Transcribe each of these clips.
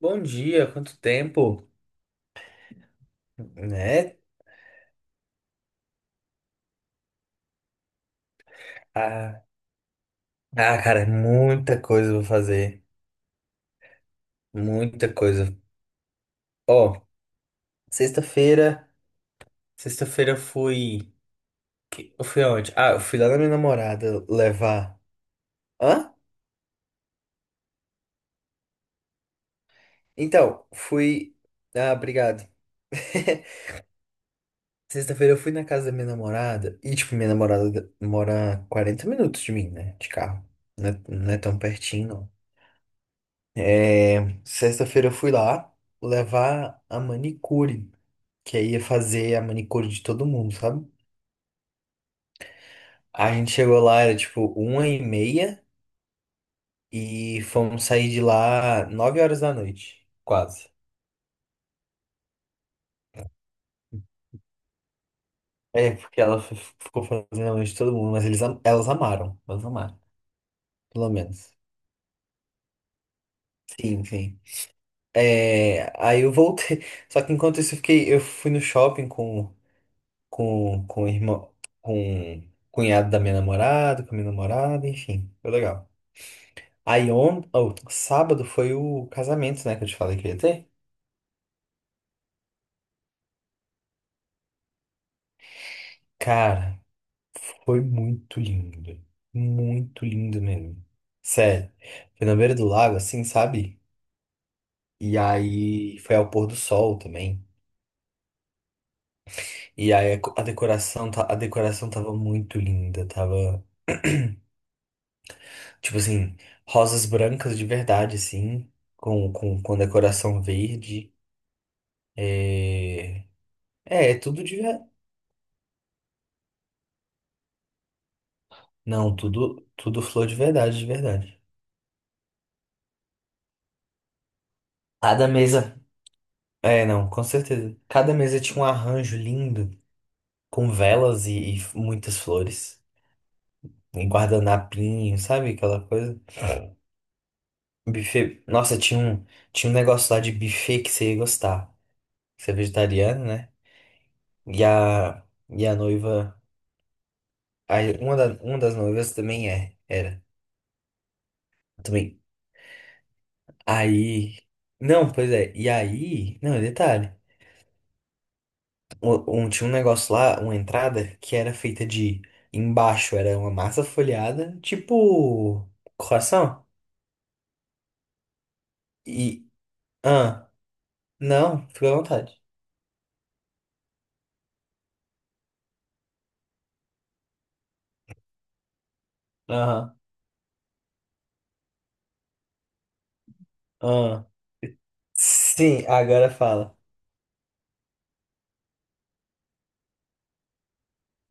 Bom dia, quanto tempo, né? Ah, ah, cara, muita coisa pra fazer, muita coisa. Ó, sexta-feira, sexta-feira eu fui, eu fui aonde? Ah, eu fui lá na minha namorada levar. Hã? Então, fui. Ah, obrigado. Sexta-feira eu fui na casa da minha namorada e, tipo, minha namorada mora 40 minutos de mim, né? De carro. Não é tão pertinho, não. É, sexta-feira eu fui lá levar a manicure. Que aí ia fazer a manicure de todo mundo, sabe? A gente chegou lá, era tipo uma e meia e fomos sair de lá 9 horas da noite, quase. É, porque ela ficou fazendo a noite de todo mundo, mas elas amaram, pelo menos. Sim, sim. É, aí eu voltei, só que enquanto isso eu fui no shopping com, com, o irmão, com o cunhado da minha namorada, com a minha namorada, enfim, foi legal. Aí sábado foi o casamento, né, que eu te falei que eu ia ter. Cara, foi muito lindo. Muito lindo mesmo. Sério. Foi na beira do lago, assim, sabe? E aí foi ao pôr do sol também. E aí a decoração, tava muito linda, tava tipo assim, rosas brancas de verdade, assim, com, com, decoração verde. É, é, tudo de verdade. Não, tudo flor de verdade, de verdade. Cada mesa. É, não, com certeza. Cada mesa tinha um arranjo lindo, com velas e muitas flores. Em guardanapinho, sabe? Aquela coisa. Buffet. Nossa, tinha um negócio lá de buffet que você ia gostar. Você é vegetariano, né? E a, e a noiva. Aí, uma das noivas também é. Era. Também. Aí. Não, pois é. E aí. Não, detalhe. Tinha um negócio lá, uma entrada, que era feita de. Embaixo era uma massa folhada, tipo. Coração? E. Ah, não, fica à vontade. Aham, aham. Sim, agora fala.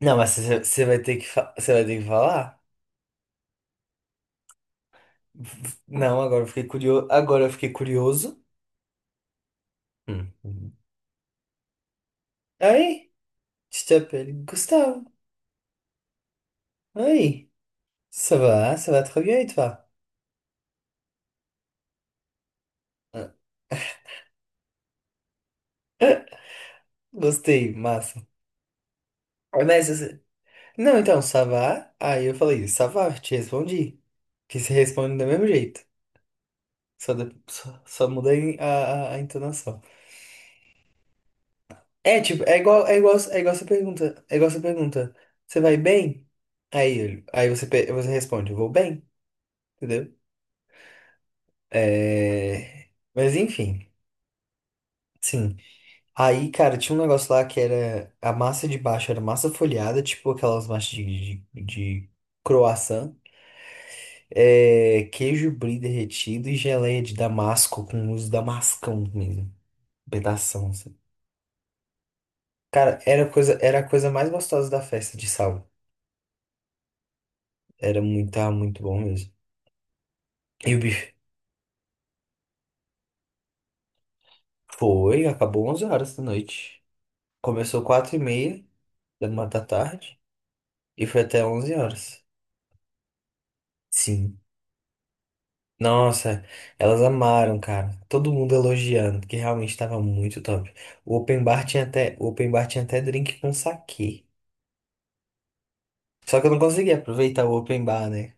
Não, mas você vai ter que, você vai ter que falar? Não, agora eu fiquei curioso. Agora eu fiquei curioso. Hum. Aí, je t'appelle Gustavo. Aí, ça va très bien et toi? Ah, gostei, massa. Mas Não, então, Savá. Aí eu falei, Savá, te respondi. Que se responde do mesmo jeito. Só muda a entonação. É, tipo, é igual essa pergunta. É igual essa pergunta. Você vai bem? Aí, aí você, você responde, vou bem, entendeu? Mas enfim, sim. Aí, cara, tinha um negócio lá que era a massa de baixo, era massa folhada, tipo aquelas massas de, de, croissant. É, queijo brie derretido e geleia de damasco com uso damascão mesmo, um pedação, assim. Cara, era a coisa mais gostosa da festa de sal. Tava muito bom mesmo. E o bife acabou 11 horas da noite. Começou 4 e meia da tarde e foi até 11 horas. Sim. Nossa, elas amaram, cara. Todo mundo elogiando, porque realmente tava muito top. O open bar tinha até, o open bar tinha até drink com saquê. Só que eu não consegui aproveitar o open bar, né?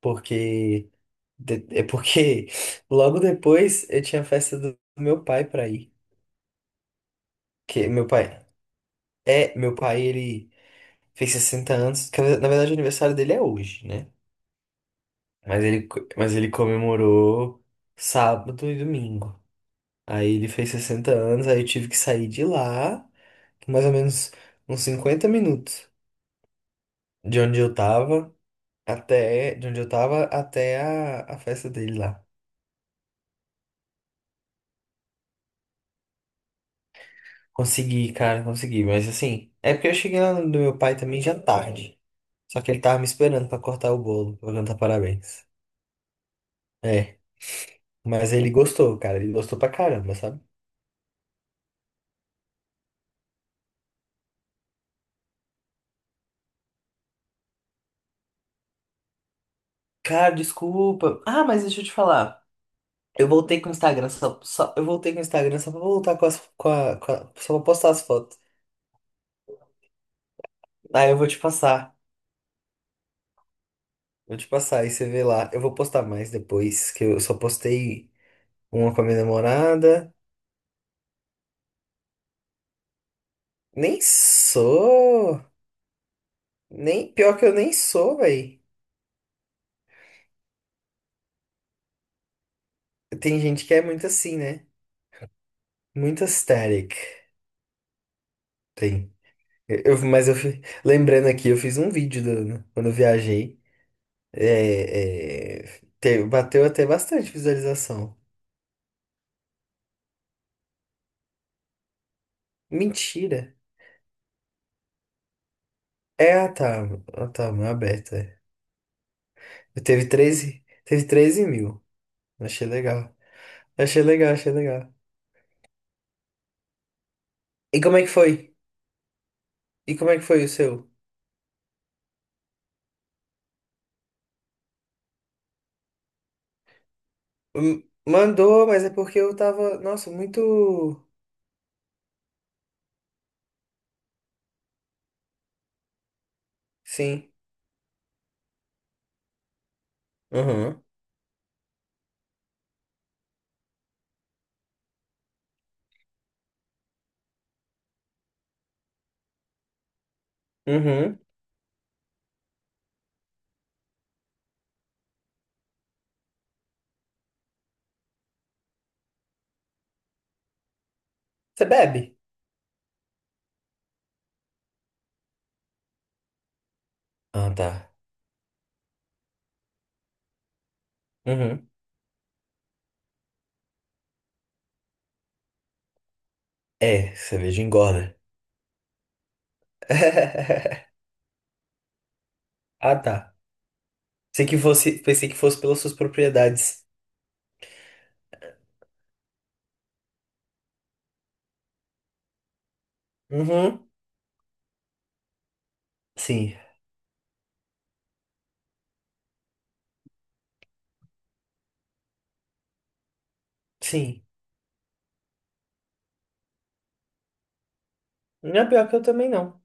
Porque. É porque logo depois eu tinha a festa do meu pai pra ir. Que meu pai. É, meu pai, ele fez 60 anos. Que na verdade o aniversário dele é hoje, né? Mas ele comemorou sábado e domingo. Aí ele fez 60 anos, aí eu tive que sair de lá, mais ou menos uns 50 minutos de onde eu tava até, de onde eu tava até a festa dele lá. Consegui, cara, consegui. Mas assim, é porque eu cheguei lá no do meu pai também já tarde. Só que ele tava me esperando pra cortar o bolo, pra cantar parabéns. É, mas ele gostou, cara. Ele gostou pra caramba, sabe? Cara, desculpa. Ah, mas deixa eu te falar. Eu voltei com o Instagram só, pra voltar com as, com a- só pra postar as fotos. Aí eu vou te passar. Vou te passar, aí você vê lá. Eu vou postar mais depois, que eu só postei uma com a minha namorada. Nem sou. Nem pior que eu nem sou, velho. Tem gente que é muito assim, né? Muito aesthetic. Tem. Mas lembrando aqui, eu fiz um vídeo quando eu viajei. É, bateu até bastante visualização. Mentira. É, ah, tá. Ah, tá, mão aberta. É. Eu teve treze mil. Achei legal. Achei legal, achei legal. E como é que foi? E como é que foi o seu? Mandou, mas é porque eu tava, nossa, muito. Sim. Uhum. Uhum. Você bebe? Ah, tá. Uhum. É, cerveja engorda. Ah, tá. Pensei que fosse pelas suas propriedades. Uhum. Sim, sim. Não é pior que eu também não.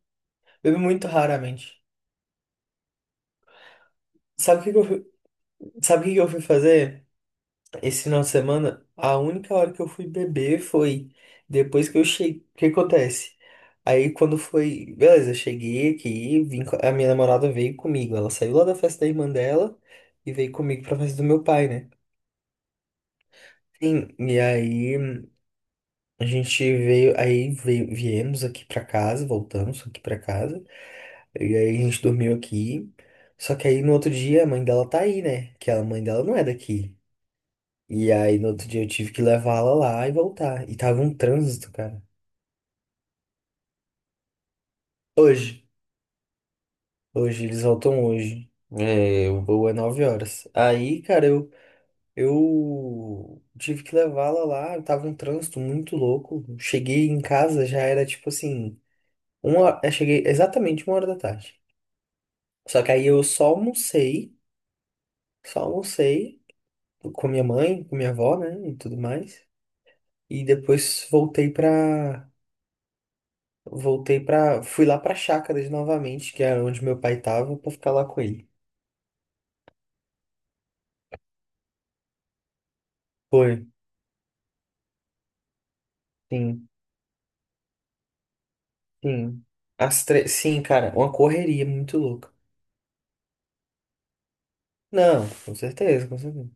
Bebo muito raramente. Sabe o que que eu fui, sabe o que que eu fui fazer esse final de semana? A única hora que eu fui beber foi depois que eu cheguei. O que acontece? Aí quando foi, beleza, eu cheguei aqui, a minha namorada veio comigo. Ela saiu lá da festa da irmã dela e veio comigo pra festa do meu pai, né? Sim, e aí a gente veio, aí veio, viemos aqui pra casa, voltamos aqui pra casa, e aí a gente dormiu aqui. Só que aí no outro dia a mãe dela tá aí, né? Que a mãe dela não é daqui. E aí no outro dia eu tive que levá-la lá e voltar. E tava um trânsito, cara. Hoje, hoje, eles voltam hoje. É, o voo é 9 horas. Aí, cara, eu tive que levá-la lá, tava um trânsito muito louco. Cheguei em casa, já era tipo assim, eu cheguei exatamente uma hora da tarde. Só que aí eu só almocei com minha mãe, com minha avó, né, e tudo mais. E depois fui lá pra Chácaras novamente, que era onde meu pai tava, pra ficar lá com ele. Foi, sim, sim. As três, sim, cara, uma correria muito louca. Não, com certeza, com certeza.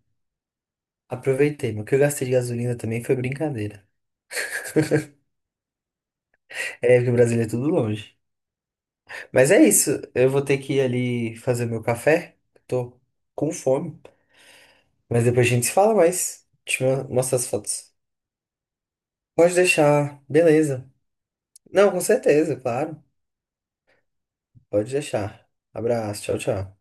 Aproveitei, mas o que eu gastei de gasolina também foi brincadeira. É, porque o Brasil é tudo longe. Mas é isso, eu vou ter que ir ali fazer meu café, tô com fome. Mas depois a gente se fala mais. Te mostro as fotos. Pode deixar, beleza. Não, com certeza, claro. Pode deixar. Abraço, tchau, tchau.